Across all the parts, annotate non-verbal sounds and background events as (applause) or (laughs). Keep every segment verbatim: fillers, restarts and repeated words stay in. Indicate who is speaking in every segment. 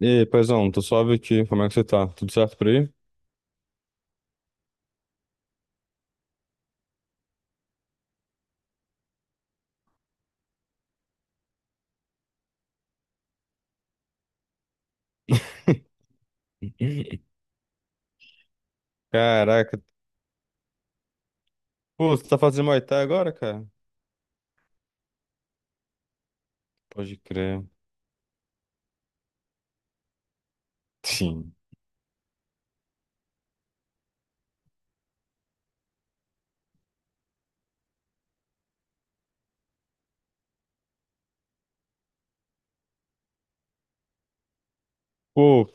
Speaker 1: E aí, paizão, tô suave aqui. Como é que você tá? Tudo certo por aí? Caraca. Pô, você tá fazendo Muay Thai agora, cara? Pode crer. Sim. Pô,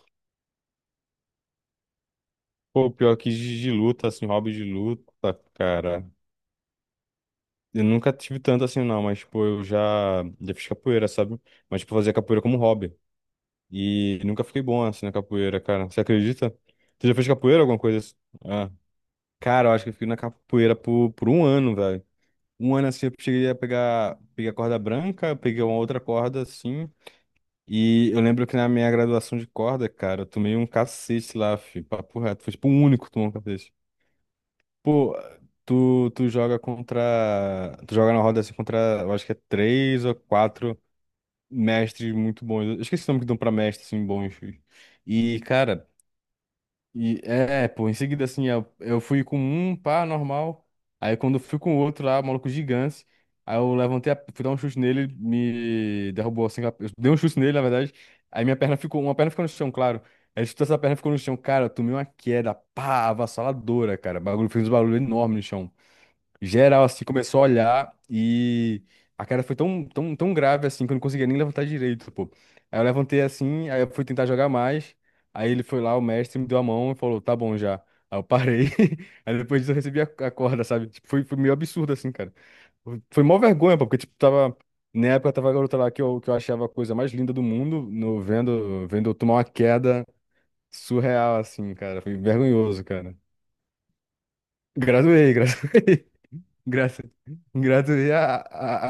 Speaker 1: pô, pior que de, de luta, assim, hobby de luta, cara. Eu nunca tive tanto assim, não, mas, pô, eu já, já fiz capoeira, sabe? Mas, tipo, eu fazia capoeira como hobby. E nunca fiquei bom, assim, na capoeira, cara. Você acredita? Você já fez capoeira, alguma coisa assim? Ah. Cara, eu acho que eu fiquei na capoeira por, por um ano, velho. Um ano assim eu cheguei a pegar, peguei a corda branca, eu peguei uma outra corda assim. E eu lembro que na minha graduação de corda, cara, eu tomei um cacete lá, fi, papo reto. Foi tipo o único que tomou um cacete. Pô, tu, tu joga contra. Tu joga na roda assim contra, eu acho que é três ou quatro mestres muito bons. Eu esqueci o nome que dão pra mestres assim bons. Fi. E, cara. E é, pô, em seguida, assim, eu, eu fui com um pá normal. Aí quando eu fui com o outro lá, maluco gigante. Aí eu levantei, a, fui dar um chute nele, me derrubou assim. com a- Eu dei um chute nele, na verdade. Aí minha perna ficou, uma perna ficou no chão, claro. Aí chutou essa perna ficou no chão. Cara, eu tomei uma queda, pá, avassaladora, cara. O bagulho fez um barulho enorme no chão. Geral, assim, começou a olhar e a cara foi tão, tão, tão grave, assim, que eu não conseguia nem levantar direito, pô. Aí eu levantei assim, aí eu fui tentar jogar mais. Aí ele foi lá, o mestre me deu a mão e falou, tá bom já. Aí eu parei. (laughs) Aí depois disso eu recebi a, a corda, sabe? Tipo, foi, foi meio absurdo, assim, cara. Foi foi mó vergonha, pô, porque, tipo, tava. Na época tava a garota lá que eu, que eu achava a coisa mais linda do mundo, no, vendo, vendo eu tomar uma queda surreal, assim, cara. Foi vergonhoso, cara. Graduei, (laughs) graduei. Gratu... Gratuito a,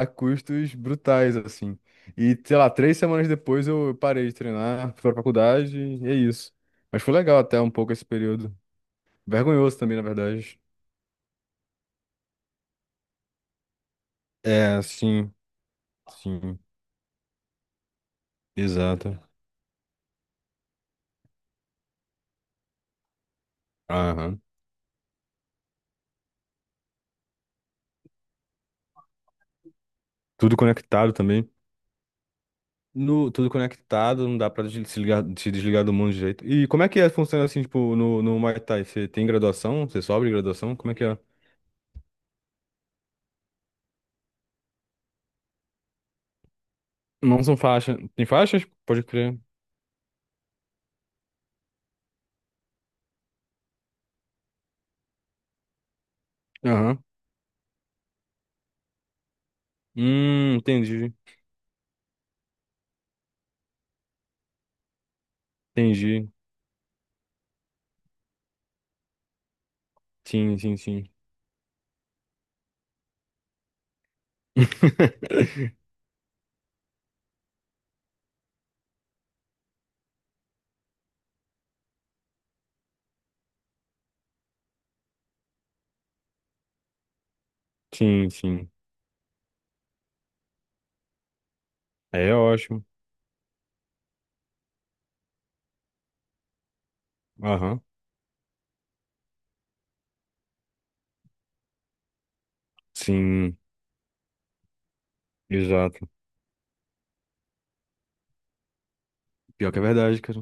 Speaker 1: a, a custos brutais, assim. E, sei lá, três semanas depois eu parei de treinar, fui pra faculdade e é isso. Mas foi legal até um pouco esse período. Vergonhoso também, na verdade. É, sim, sim, exato. Aham. Tudo conectado também. No, tudo conectado, não dá pra des- se ligar, se desligar do mundo de jeito. E como é que é, funciona assim, tipo, no, no Muay Thai? Você tem graduação? Você sobe de graduação? Como é que é? Não são faixas. Tem faixas? Pode crer. Aham. Hum, entendi. Entendi. Sim, sim, sim. (laughs) Sim, sim. É ótimo. Aham. Sim, exato. Pior que é verdade, cara.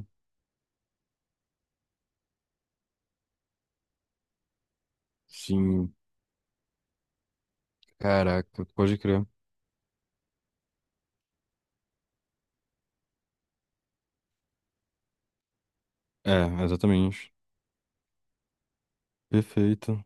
Speaker 1: Sim. Caraca, pode crer. É, exatamente. Perfeito.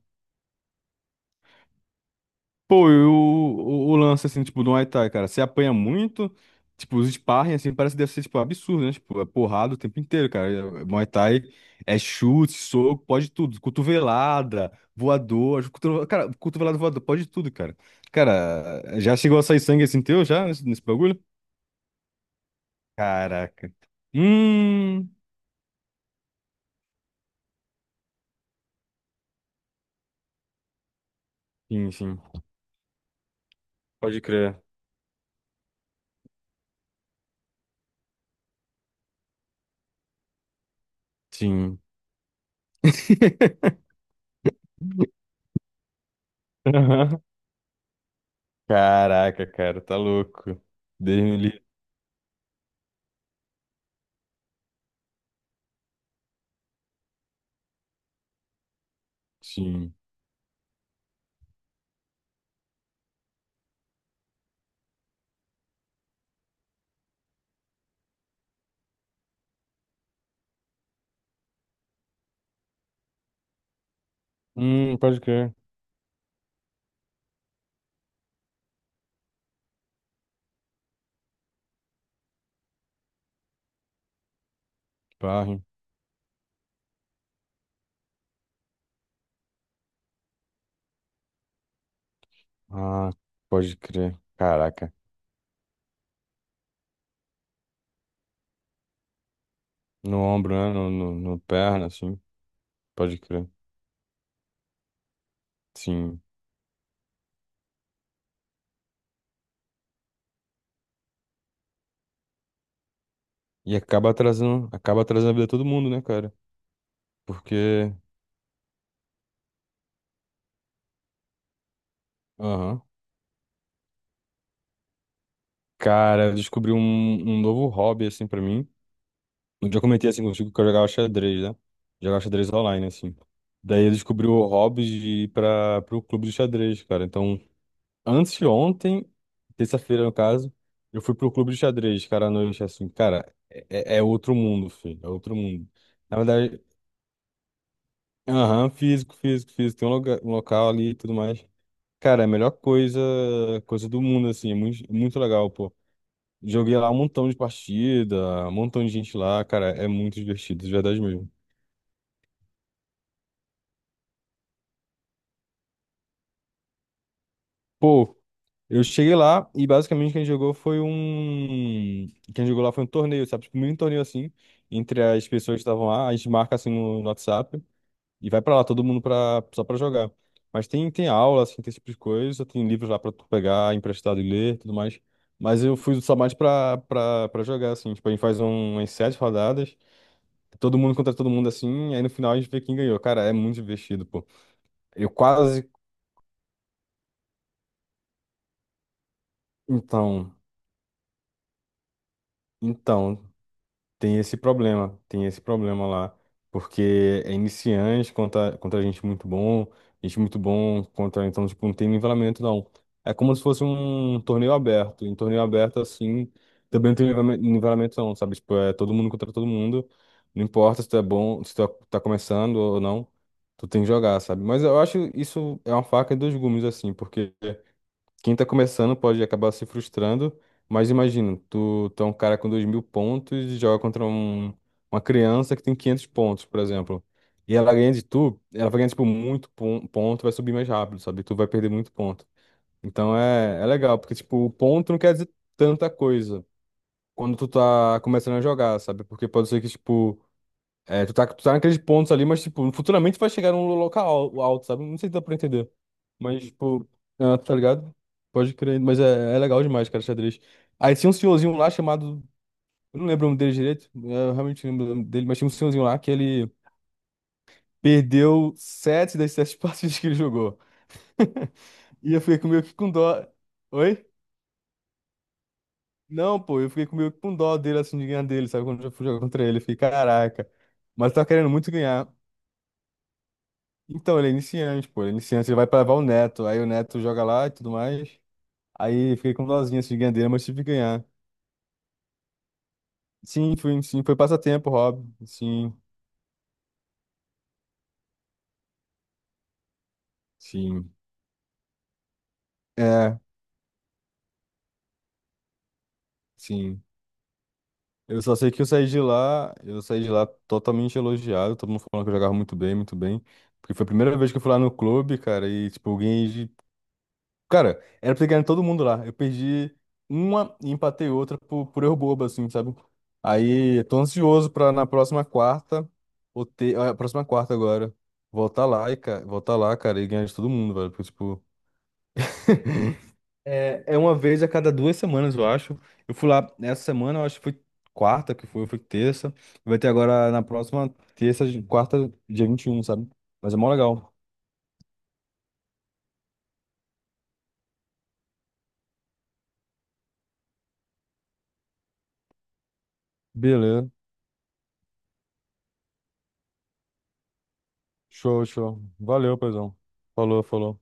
Speaker 1: Pô, e o, o, o lance, assim, tipo, do Muay Thai, cara, você apanha muito, tipo, os sparring, assim, parece que deve ser, tipo, absurdo, né? Tipo, é porrada o tempo inteiro, cara. É- é Muay Thai é chute, soco, pode tudo. Cotovelada, voador, cotovelada, cara, cotovelada, voador, pode tudo, cara. Cara, já chegou a sair sangue, assim, teu, já, nesse, nesse bagulho? Caraca. Hum, sim, sim, pode crer. Sim. (laughs) Aham. Caraca, cara, tá louco. Deus me livre. Sim. Hum, pode crer. Parre. Ah, pode crer. Caraca. No ombro, né? No, no, no perna, assim. Pode crer. Sim. E acaba atrasando, acaba atrasando a vida de todo mundo, né, cara? Porque, aham. Cara, eu descobri um, um novo hobby, assim, pra mim. Um dia eu comentei, assim, contigo que eu jogava xadrez, né? Jogava xadrez online, assim. Daí eu descobri o hobby de ir pra, pro clube de xadrez, cara. Então, antes de ontem, terça-feira no caso, eu fui pro clube de xadrez, cara, à noite, assim, cara, é, é é outro mundo, filho, é outro mundo. Na verdade, aham, físico, físico, físico, tem um, lugar, um local ali e tudo mais. Cara, é a melhor coisa, coisa do mundo, assim, é muito, muito legal, pô. Joguei lá um montão de partida, um montão de gente lá, cara, é muito divertido, de verdade mesmo. Pô, eu cheguei lá e basicamente quem jogou foi um. Quem jogou lá foi um torneio, sabe? Tipo, um mini torneio assim, entre as pessoas que estavam lá. A gente marca assim no, no WhatsApp e vai pra lá, todo mundo pra, só pra jogar. Mas tem, tem aula, assim, tem esse tipo de coisa, tem livros lá pra tu pegar, emprestado e ler, tudo mais. Mas eu fui só mais pra, pra, pra jogar, assim. Tipo, a gente faz um, umas sete rodadas, todo mundo contra todo mundo assim, aí no final a gente vê quem ganhou. Cara, é muito divertido, pô. Eu quase. Então. Então, Tem esse problema, tem esse problema lá, porque é iniciante contra, contra gente muito bom, gente muito bom contra, então, tipo, não tem nivelamento, não. É como se fosse um torneio aberto, em torneio aberto, assim, também não tem nivela- nivelamento, não, sabe? Tipo, é todo mundo contra todo mundo, não importa se tu é bom, se tu é, tá começando ou não, tu tem que jogar, sabe? Mas eu acho isso é uma faca de dois gumes, assim, porque quem tá começando pode acabar se frustrando, mas imagina, tu, tu é um cara com dois mil pontos e joga contra um, uma criança que tem quinhentos pontos, por exemplo. E ela ganha de tu, ela vai ganhar, tipo, muito pon- ponto, vai subir mais rápido, sabe? Tu vai perder muito ponto. Então é, é legal, porque, tipo, o ponto não quer dizer tanta coisa quando tu tá começando a jogar, sabe? Porque pode ser que, tipo, é, tu tá, tu tá naqueles pontos ali, mas, tipo, futuramente vai chegar num local alto, sabe? Não sei se dá pra entender. Mas, tipo, ah, tá ligado? Pode crer, mas é, é legal demais, cara, xadrez. Aí tinha um senhorzinho lá chamado. Eu não lembro o nome dele direito, é, eu realmente não lembro o nome dele, mas tinha um senhorzinho lá que ele perdeu sete das sete (laughs) partidas que ele jogou. E eu fiquei meio que com dó. Oi? Não, pô, eu fiquei meio que com dó dele, assim, de ganhar dele, sabe? Quando eu fui jogar contra ele, eu fiquei, caraca. Mas eu tava querendo muito ganhar. Então, ele é iniciante, pô. Ele é iniciante, ele vai pra levar o Neto. Aí o Neto joga lá e tudo mais. Aí fiquei com dozinha assim, de ganhar dele, mas tive que ganhar. Sim, foi, sim, foi passatempo, Rob. Sim, sim. É, sim. Eu só sei que eu saí de lá, eu saí de lá totalmente elogiado, todo mundo falando que eu jogava muito bem, muito bem. Porque foi a primeira vez que eu fui lá no clube, cara, e, tipo, eu ganhei de. Cara, era pra ter ganho todo mundo lá. Eu perdi uma e empatei outra por, por erro bobo, assim, sabe? Aí, eu tô ansioso pra na próxima quarta, ou ter, a próxima quarta agora, voltar lá e, cara, voltar lá, cara, e ganhar de todo mundo, velho. Porque, tipo, é, é uma vez a cada duas semanas, eu acho. Eu fui lá essa semana, eu acho que foi quarta que foi, foi terça. Vai ter agora na próxima terça, quarta, dia vinte e um sabe? Mas é mó legal. Beleza. Show, show. Valeu, paizão. Falou, falou.